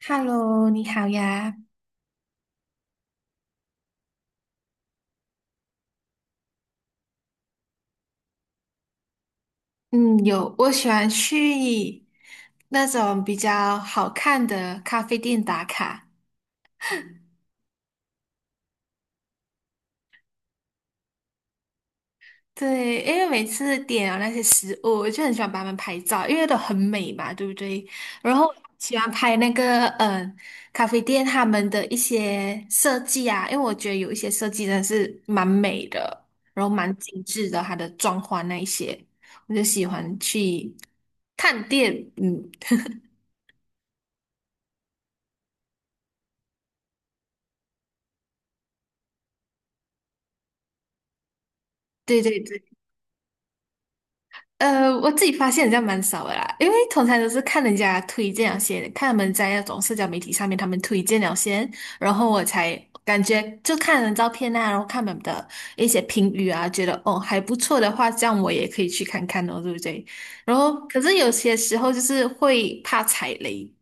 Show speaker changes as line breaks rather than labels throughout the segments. Hello，你好呀。嗯，有，我喜欢去那种比较好看的咖啡店打卡。对，因为每次点了那些食物，我就很喜欢把他们拍照，因为都很美嘛，对不对？然后喜欢拍那个咖啡店他们的一些设计啊，因为我觉得有一些设计真的是蛮美的，然后蛮精致的，它的装潢那一些，我就喜欢去探店。嗯，对对对。呃，我自己发现人家蛮少的啦，因为通常都是看人家推荐了些，看他们在那种社交媒体上面他们推荐了先，然后我才感觉就看人照片啊，然后看他们的一些评语啊，觉得哦还不错的话，这样我也可以去看看哦，对不对？然后可是有些时候就是会怕踩雷，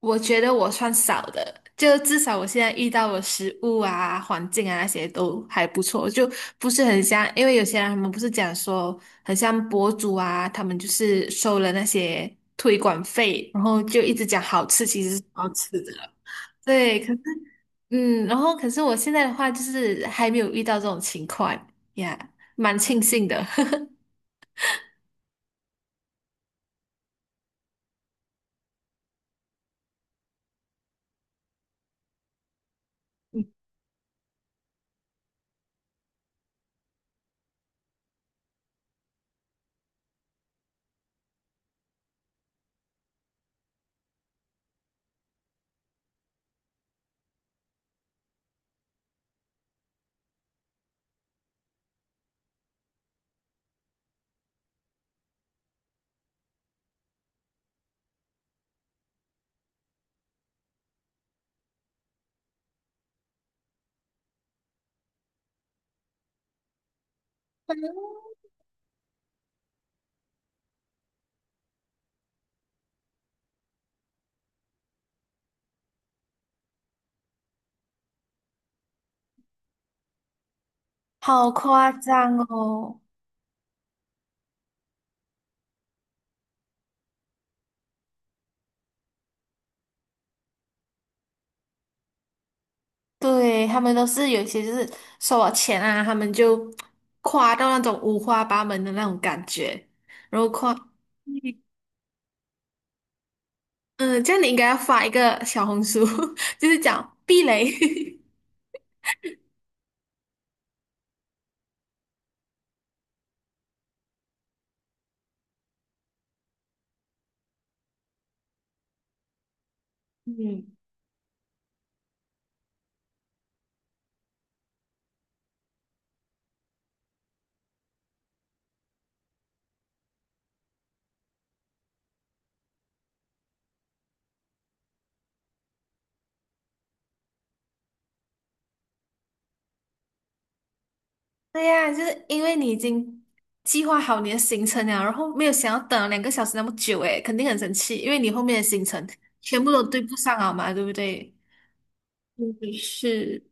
我觉得我算少的，就至少我现在遇到的食物啊、环境啊那些都还不错，就不是很像，因为有些人他们不是讲说很像博主啊，他们就是收了那些推广费，然后就一直讲好吃，其实是不好吃的。对，可是然后可是我现在的话就是还没有遇到这种情况呀，蛮庆幸的。好夸张哦！对，他们都是有一些就是收了钱啊，他们就夸到那种五花八门的那种感觉，然后夸，嗯，这样你应该要发一个小红书，就是讲避雷。嗯，对呀，就是因为你已经计划好你的行程了，然后没有想要等了2个小时那么久，诶，肯定很生气，因为你后面的行程全部都对不上啊嘛，对不对？嗯，是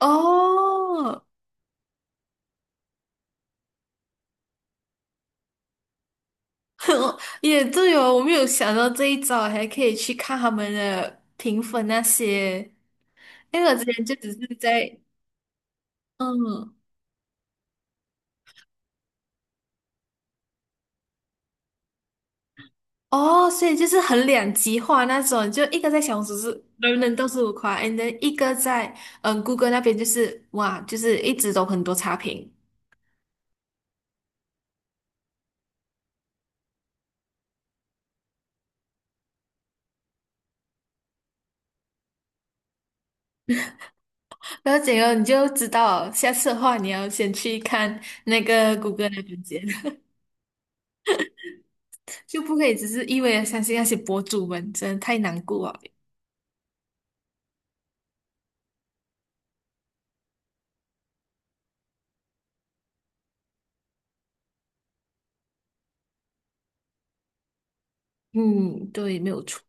哦，也对哦，我没有想到这一招，还可以去看他们的评分那些，因为我之前就只是在，嗯，哦，所以就是很两极化那种，就一个在小红书是人人都是五夸，and then 一个在嗯谷歌那边就是哇，就是一直都很多差评，然后整个你就知道，下次的话你要先去看那个谷歌那边先，就不可以只是一味的相信那些博主们，真的太难过了。嗯，对，没有错。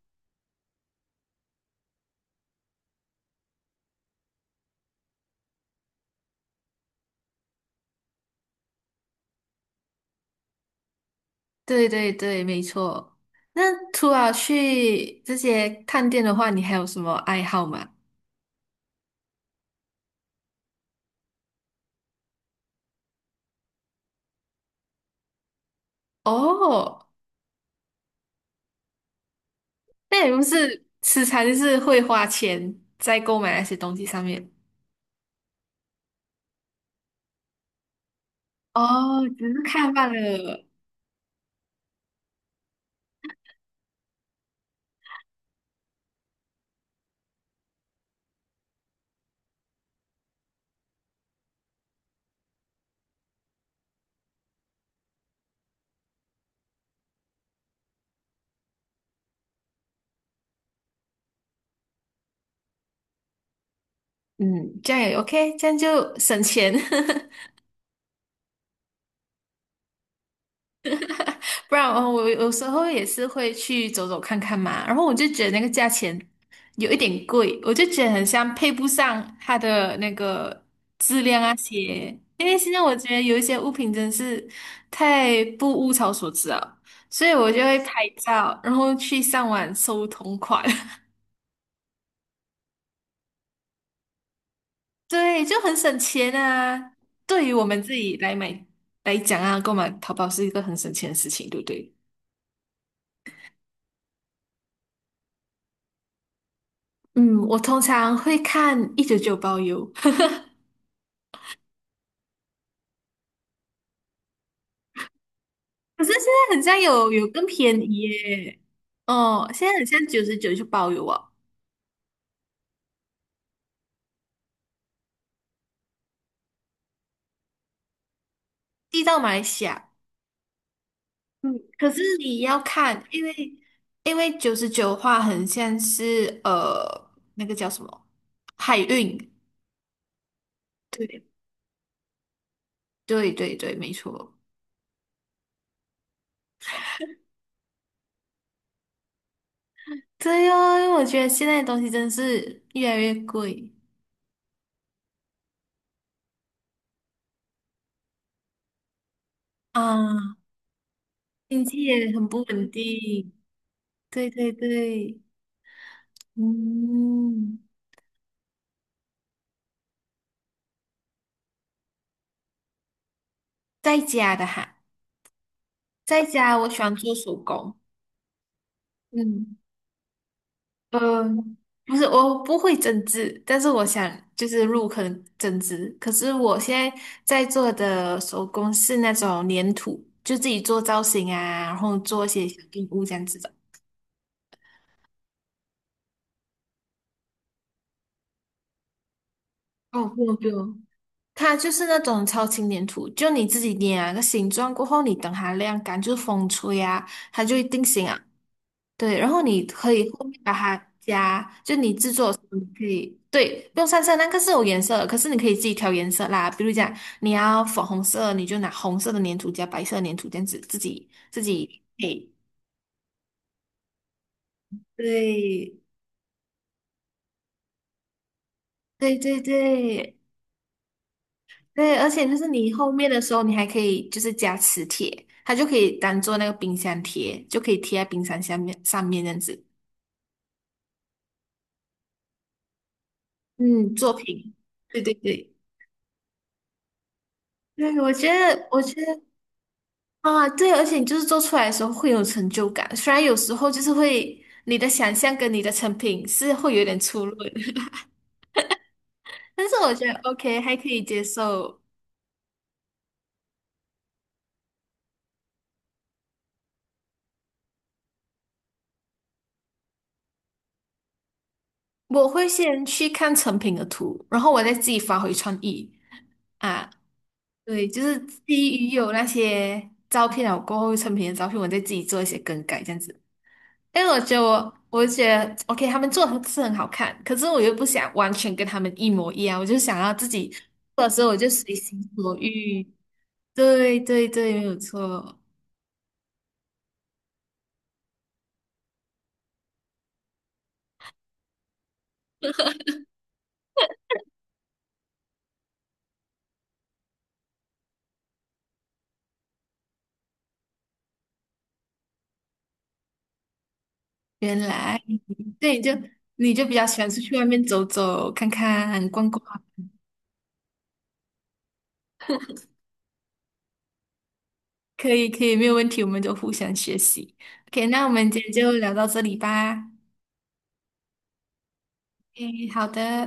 对对对，没错。那除了去这些探店的话，你还有什么爱好吗？哦，那也不是吃餐，就是会花钱在购买那些东西上面。哦，只是看罢了。嗯，这样也 OK，这样就省钱。不然哦，我有时候也是会去走走看看嘛，然后我就觉得那个价钱有一点贵，我就觉得很像配不上它的那个质量啊些，因为现在我觉得有一些物品真是太不物超所值了，所以我就会拍照，然后去上网搜同款，对，就很省钱啊。对于我们自己来买来讲啊，购买淘宝是一个很省钱的事情，对不对？嗯，我通常会看199包邮，可是现在很像有更便宜耶，哦，现在很像九十九就包邮哦，寄到马来西亚。嗯，可是你要看，因为九十九的话，很像是呃那个叫什么海运，对对对对，没错。对哦，因为我觉得现在的东西真是越来越贵啊，经济也很不稳定。对对对，嗯，在家的哈，在家我喜欢做手工。嗯呃，不是，我不会针织，但是我想就是入坑针织。可是我现在在做的手工是那种粘土，就自己做造型啊，然后做一些小动物这样子的。哦，不用不用，它就是那种超轻粘土，就你自己捏啊个形状过后，你等它晾干，就是风吹啊，它就会定型啊。对，然后你可以后面把它加，就你制作的时候你可以，对，不用上色，那个是有颜色的，可是你可以自己调颜色啦。比如讲你要粉红色，你就拿红色的粘土加白色的粘土这样子自己配。对，对对对对，而且就是你后面的时候，你还可以就是加磁铁，它就可以当做那个冰箱贴，就可以贴在冰箱下面上面这样子。嗯，作品，对对对。对，我觉得啊，对，而且你就是做出来的时候会有成就感，虽然有时候就是会你的想象跟你的成品是会有点出入的，但是我觉得 OK 还可以接受。我会先去看成品的图，然后我再自己发挥创意啊。对，就是基于有那些照片了过后，成品的照片，我再自己做一些更改，这样子。因为我觉得 OK，他们做的是很好看，可是我又不想完全跟他们一模一样，我就想要自己做的时候我就随心所欲。对对对，没有错。原来，对，你就比较喜欢出去外面走走、看看、逛逛，可以可以，没有问题，我们就互相学习。OK，那我们今天就聊到这里吧。o 好的。